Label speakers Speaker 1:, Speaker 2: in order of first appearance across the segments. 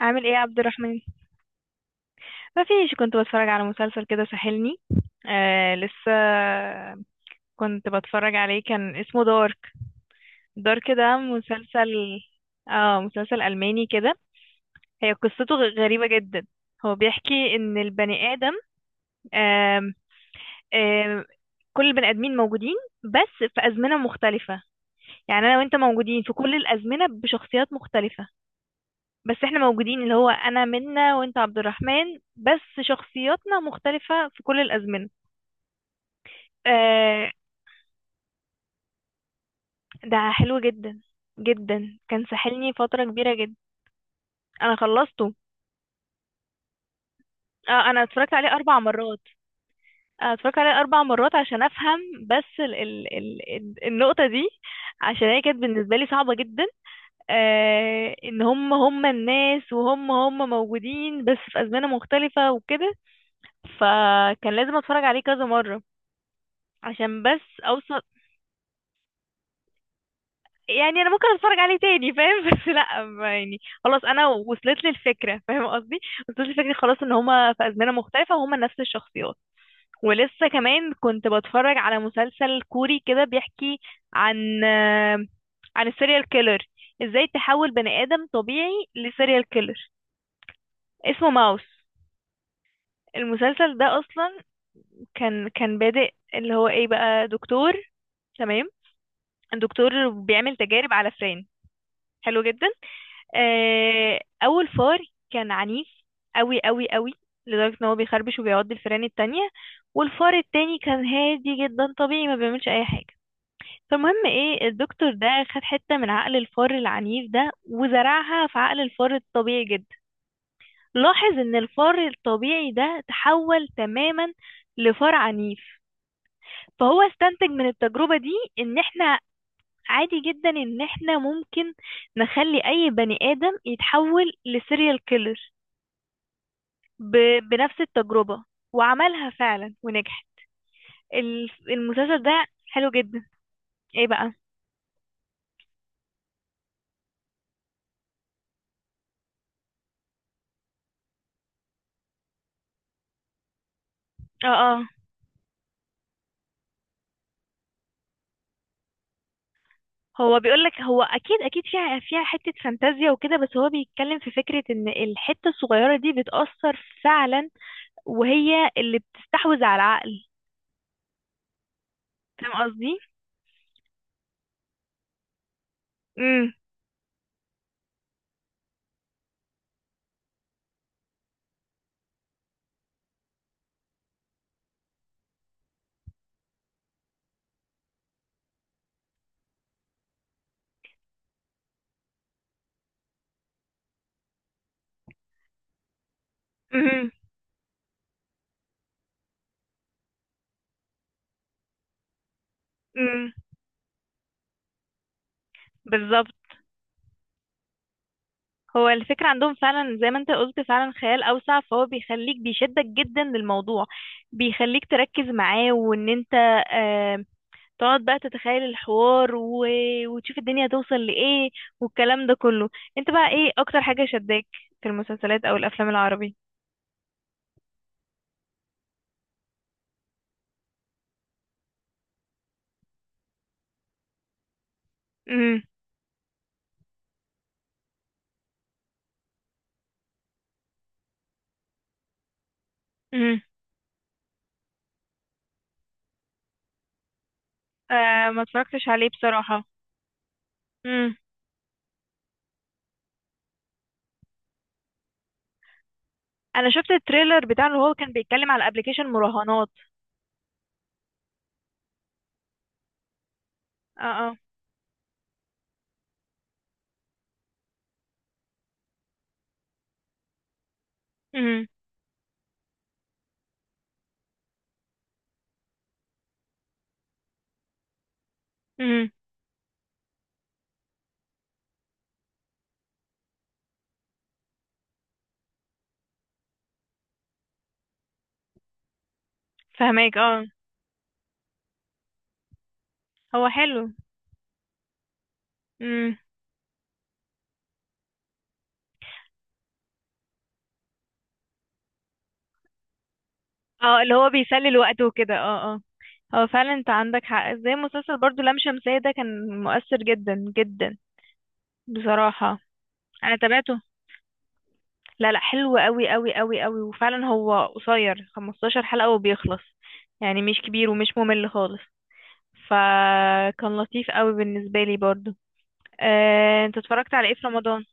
Speaker 1: عامل ايه يا عبد الرحمن؟ ما فيش، كنت بتفرج على مسلسل كده ساحلني. آه لسه. كنت بتفرج عليه كان اسمه دارك. دارك ده مسلسل، اه مسلسل ألماني كده. هي قصته غريبة جدا. هو بيحكي ان البني آدم، آم آم كل البني آدمين موجودين، بس في أزمنة مختلفة. يعني انا وانت موجودين في كل الأزمنة بشخصيات مختلفة. بس احنا موجودين، اللي هو انا منا وانت عبد الرحمن بس. شخصياتنا مختلفة في كل الازمنة. آه، ده حلو جدا جدا، كان ساحلني فترة كبيرة جدا. انا خلصته. آه، انا اتفرجت عليه اربع مرات. آه، اتفرجت عليه اربع مرات عشان افهم. بس النقطة دي، عشان هي كانت بالنسبة لي صعبة جدا. آه، ان هم الناس وهم موجودين بس في ازمنة مختلفة وكده. فكان لازم اتفرج عليه كذا مرة عشان بس اوصل. يعني انا ممكن اتفرج عليه تاني فاهم؟ بس لا ما يعني، خلاص انا وصلت لي الفكره فاهم قصدي؟ وصلت لي الفكره خلاص ان هما في ازمنه مختلفه وهما نفس الشخصيات. ولسه كمان كنت بتفرج على مسلسل كوري كده بيحكي عن عن السيريال كيلر. ازاي تحول بني ادم طبيعي لسيريال كيلر. اسمه ماوس. المسلسل ده اصلا كان بادئ، اللي هو ايه بقى، دكتور. تمام. الدكتور بيعمل تجارب على فئران. حلو جدا. اول فار كان عنيف قوي قوي قوي، لدرجة ان هو بيخربش وبيعض الفئران التانية. والفار التاني كان هادي جدا طبيعي ما بيعملش اي حاجة. فالمهم ايه، الدكتور ده خد حتة من عقل الفار العنيف ده وزرعها في عقل الفار الطبيعي جدا. لاحظ ان الفار الطبيعي ده تحول تماما لفار عنيف. فهو استنتج من التجربة دي ان احنا، عادي جدا ان احنا ممكن نخلي اي بني ادم يتحول لسيريال كيلر ب... بنفس التجربة. وعملها فعلا ونجحت. المسلسل ده حلو جدا. ايه بقى؟ اه اه، هو بيقولك هو اكيد اكيد فيها حتة فانتازيا وكده، بس هو بيتكلم في فكرة ان الحتة الصغيرة دي بتأثر فعلا. وهي اللي بتستحوذ على العقل، فاهم قصدي؟ امم. امم. امم. بالظبط. هو الفكرة عندهم فعلا زي ما انت قلت، فعلا خيال اوسع، فهو بيخليك بيشدك جدا للموضوع. بيخليك تركز معاه وان انت آه، تقعد بقى تتخيل الحوار وتشوف الدنيا هتوصل لإيه والكلام ده كله. انت بقى ايه اكتر حاجة شداك في المسلسلات او الافلام العربي؟ امم. امم. آه ما اتفرجتش عليه بصراحة. امم. انا شفت التريلر بتاعه اللي هو كان بيتكلم على ابلكيشن مراهنات. اه اه. امم. امم. فهماك اه. هو حلو. امم. اه، اللي هو بيسلي الوقت وكده اه اه. هو فعلا انت عندك حق، زي مسلسل برضو لام شمسية ده كان مؤثر جدا جدا بصراحة. انا تابعته. لا لا، حلو قوي قوي قوي قوي، وفعلا هو قصير 15 حلقة وبيخلص. يعني مش كبير ومش ممل خالص. فكان لطيف قوي بالنسبة لي برضو. انت اتفرجت على ايه في رمضان؟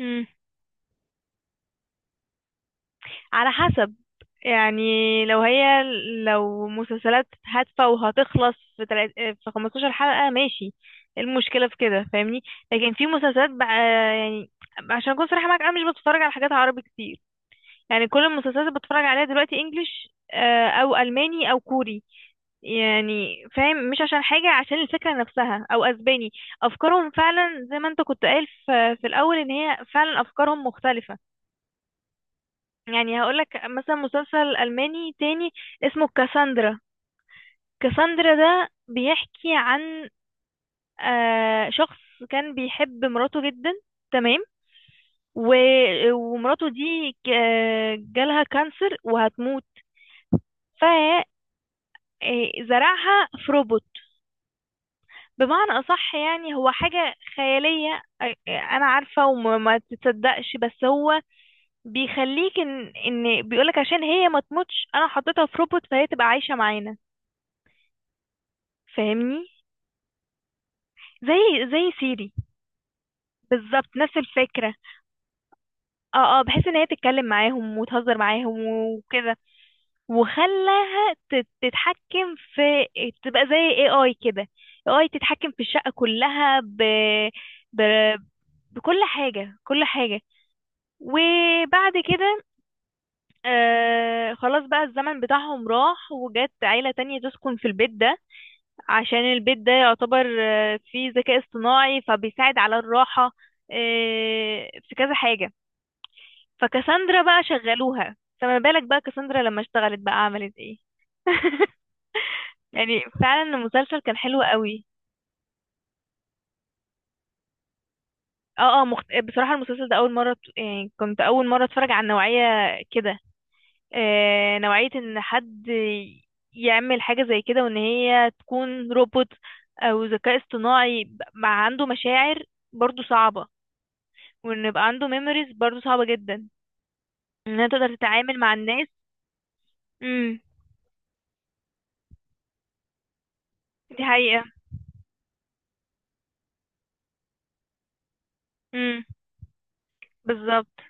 Speaker 1: مم. على حسب يعني، لو هي لو مسلسلات هادفة وهتخلص في تلات في 15 حلقة ماشي. إيه المشكلة في كده فاهمني؟ لكن في مسلسلات بقى يعني، عشان اكون صريحة معاك انا مش بتفرج على حاجات عربي كتير. يعني كل المسلسلات اللي بتفرج عليها دلوقتي انجليش، او الماني او كوري. يعني فاهم، مش عشان حاجة، عشان الفكرة نفسها، او اسباني. افكارهم فعلا زي ما انت كنت قايل في الاول ان هي فعلا افكارهم مختلفة. يعني هقولك مثلا مسلسل الماني تاني اسمه كاساندرا. كاساندرا ده بيحكي عن شخص كان بيحب مراته جدا. تمام. و... ومراته دي جالها كانسر وهتموت. إيه، زرعها في روبوت. بمعنى أصح يعني هو حاجة خيالية إيه، أنا عارفة وما ما تتصدقش، بس هو بيخليك إن بيقولك عشان هي ما تموتش أنا حطيتها في روبوت فهي تبقى عايشة معانا. فاهمني؟ زي سيري. بالظبط نفس الفكرة. اه اه، بحيث ان هي تتكلم معاهم وتهزر معاهم وكده. وخلاها تتحكم في، تبقى زي اي كده. اي تتحكم في الشقة كلها ب... بكل حاجة كل حاجة. وبعد كده آه خلاص بقى الزمن بتاعهم راح، وجت عيلة تانية تسكن في البيت ده. عشان البيت ده يعتبر آه فيه ذكاء اصطناعي فبيساعد على الراحة. آه في كذا حاجة. فكاساندرا بقى شغلوها. فما بالك بقى كاساندرا لما اشتغلت بقى عملت ايه؟ يعني فعلا المسلسل كان حلو قوي. اه اه بصراحة المسلسل ده أول مرة يعني كنت أول مرة أتفرج على نوعية كده. نوعية ان حد يعمل حاجة زي كده، وان هي تكون روبوت او ذكاء اصطناعي مع عنده مشاعر، برضو صعبة. وان يبقى عنده ميموريز برضو صعبة جدا انها تقدر تتعامل مع الناس. امم دي حقيقة. امم. بالظبط.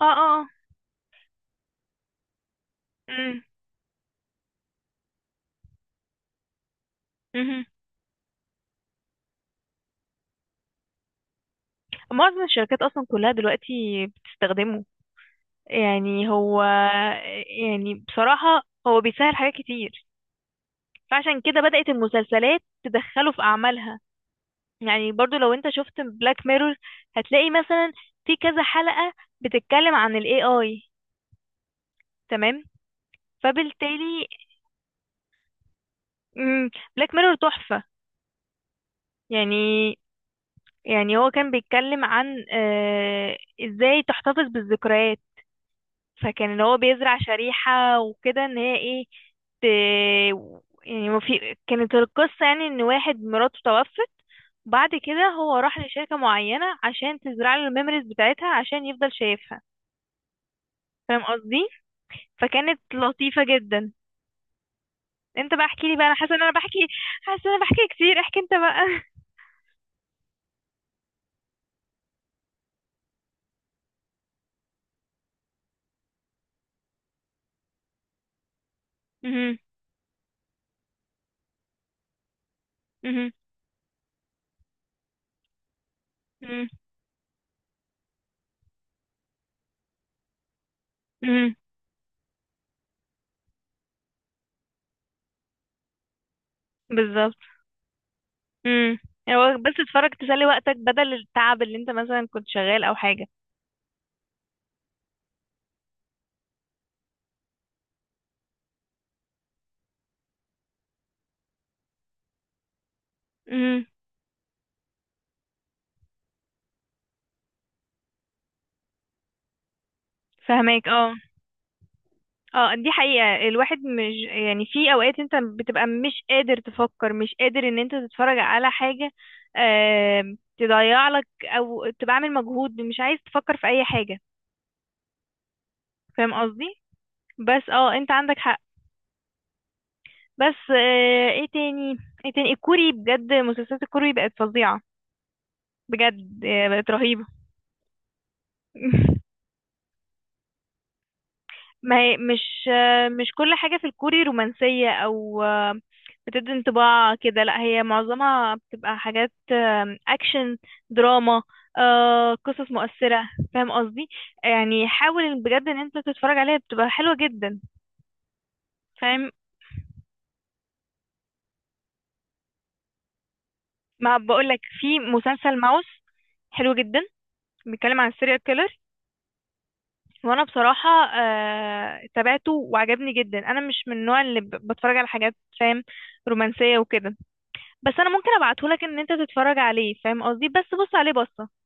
Speaker 1: اه اه اه. امم. مهم. معظم الشركات اصلا كلها دلوقتي بتستخدمه. يعني هو، يعني بصراحة هو بيسهل حاجات كتير، فعشان كده بدأت المسلسلات تدخله في أعمالها. يعني برضو لو انت شفت بلاك ميرور هتلاقي مثلا في كذا حلقة بتتكلم عن ال AI. تمام. فبالتالي بلاك ميرور تحفة. يعني يعني هو كان بيتكلم عن آه ازاي تحتفظ بالذكريات. فكان اللي هو بيزرع شريحة وكده ان هي ايه ت... يعني ما في كانت القصة يعني ان واحد مراته توفت. بعد كده هو راح لشركة معينة عشان تزرع له الميموريز بتاعتها عشان يفضل شايفها. فاهم قصدي؟ فكانت لطيفة جدا. انت بقى احكي لي بقى، انا حاسة ان انا بحكي، حاسة ان انا بحكي كتير احكي انت بقى. مهم. مهم. مهم. مهم. بالظبط. مم. هو بس تتفرج تسلي وقتك بدل التعب اللي انت مثلا كنت شغال او حاجة. امم. فهماك اه. اه دي حقيقة، الواحد مش يعني، في اوقات انت بتبقى مش قادر تفكر مش قادر ان انت تتفرج على حاجة آه تضيع لك، او تبقى عامل مجهود مش عايز تفكر في اي حاجة. فاهم قصدي؟ بس اه انت عندك حق. بس ايه تاني؟ ايه تاني، الكوري بجد، مسلسلات الكوري بقت فظيعة بجد، بقت رهيبة. ما هي مش مش كل حاجة في الكوري رومانسية او بتدي انطباع كده. لا هي معظمها بتبقى حاجات اكشن، دراما، قصص مؤثرة، فاهم قصدي؟ يعني حاول بجد ان انت تتفرج عليها بتبقى حلوة جدا. فاهم؟ ما بقولك في مسلسل ماوس حلو جدا، بيتكلم عن السيريال كيلر. وانا بصراحه آه تابعته وعجبني جدا. انا مش من النوع اللي بتفرج على حاجات فاهم، رومانسيه وكده. بس انا ممكن ابعتهولك ان انت تتفرج عليه فاهم قصدي؟ بس بص عليه بص.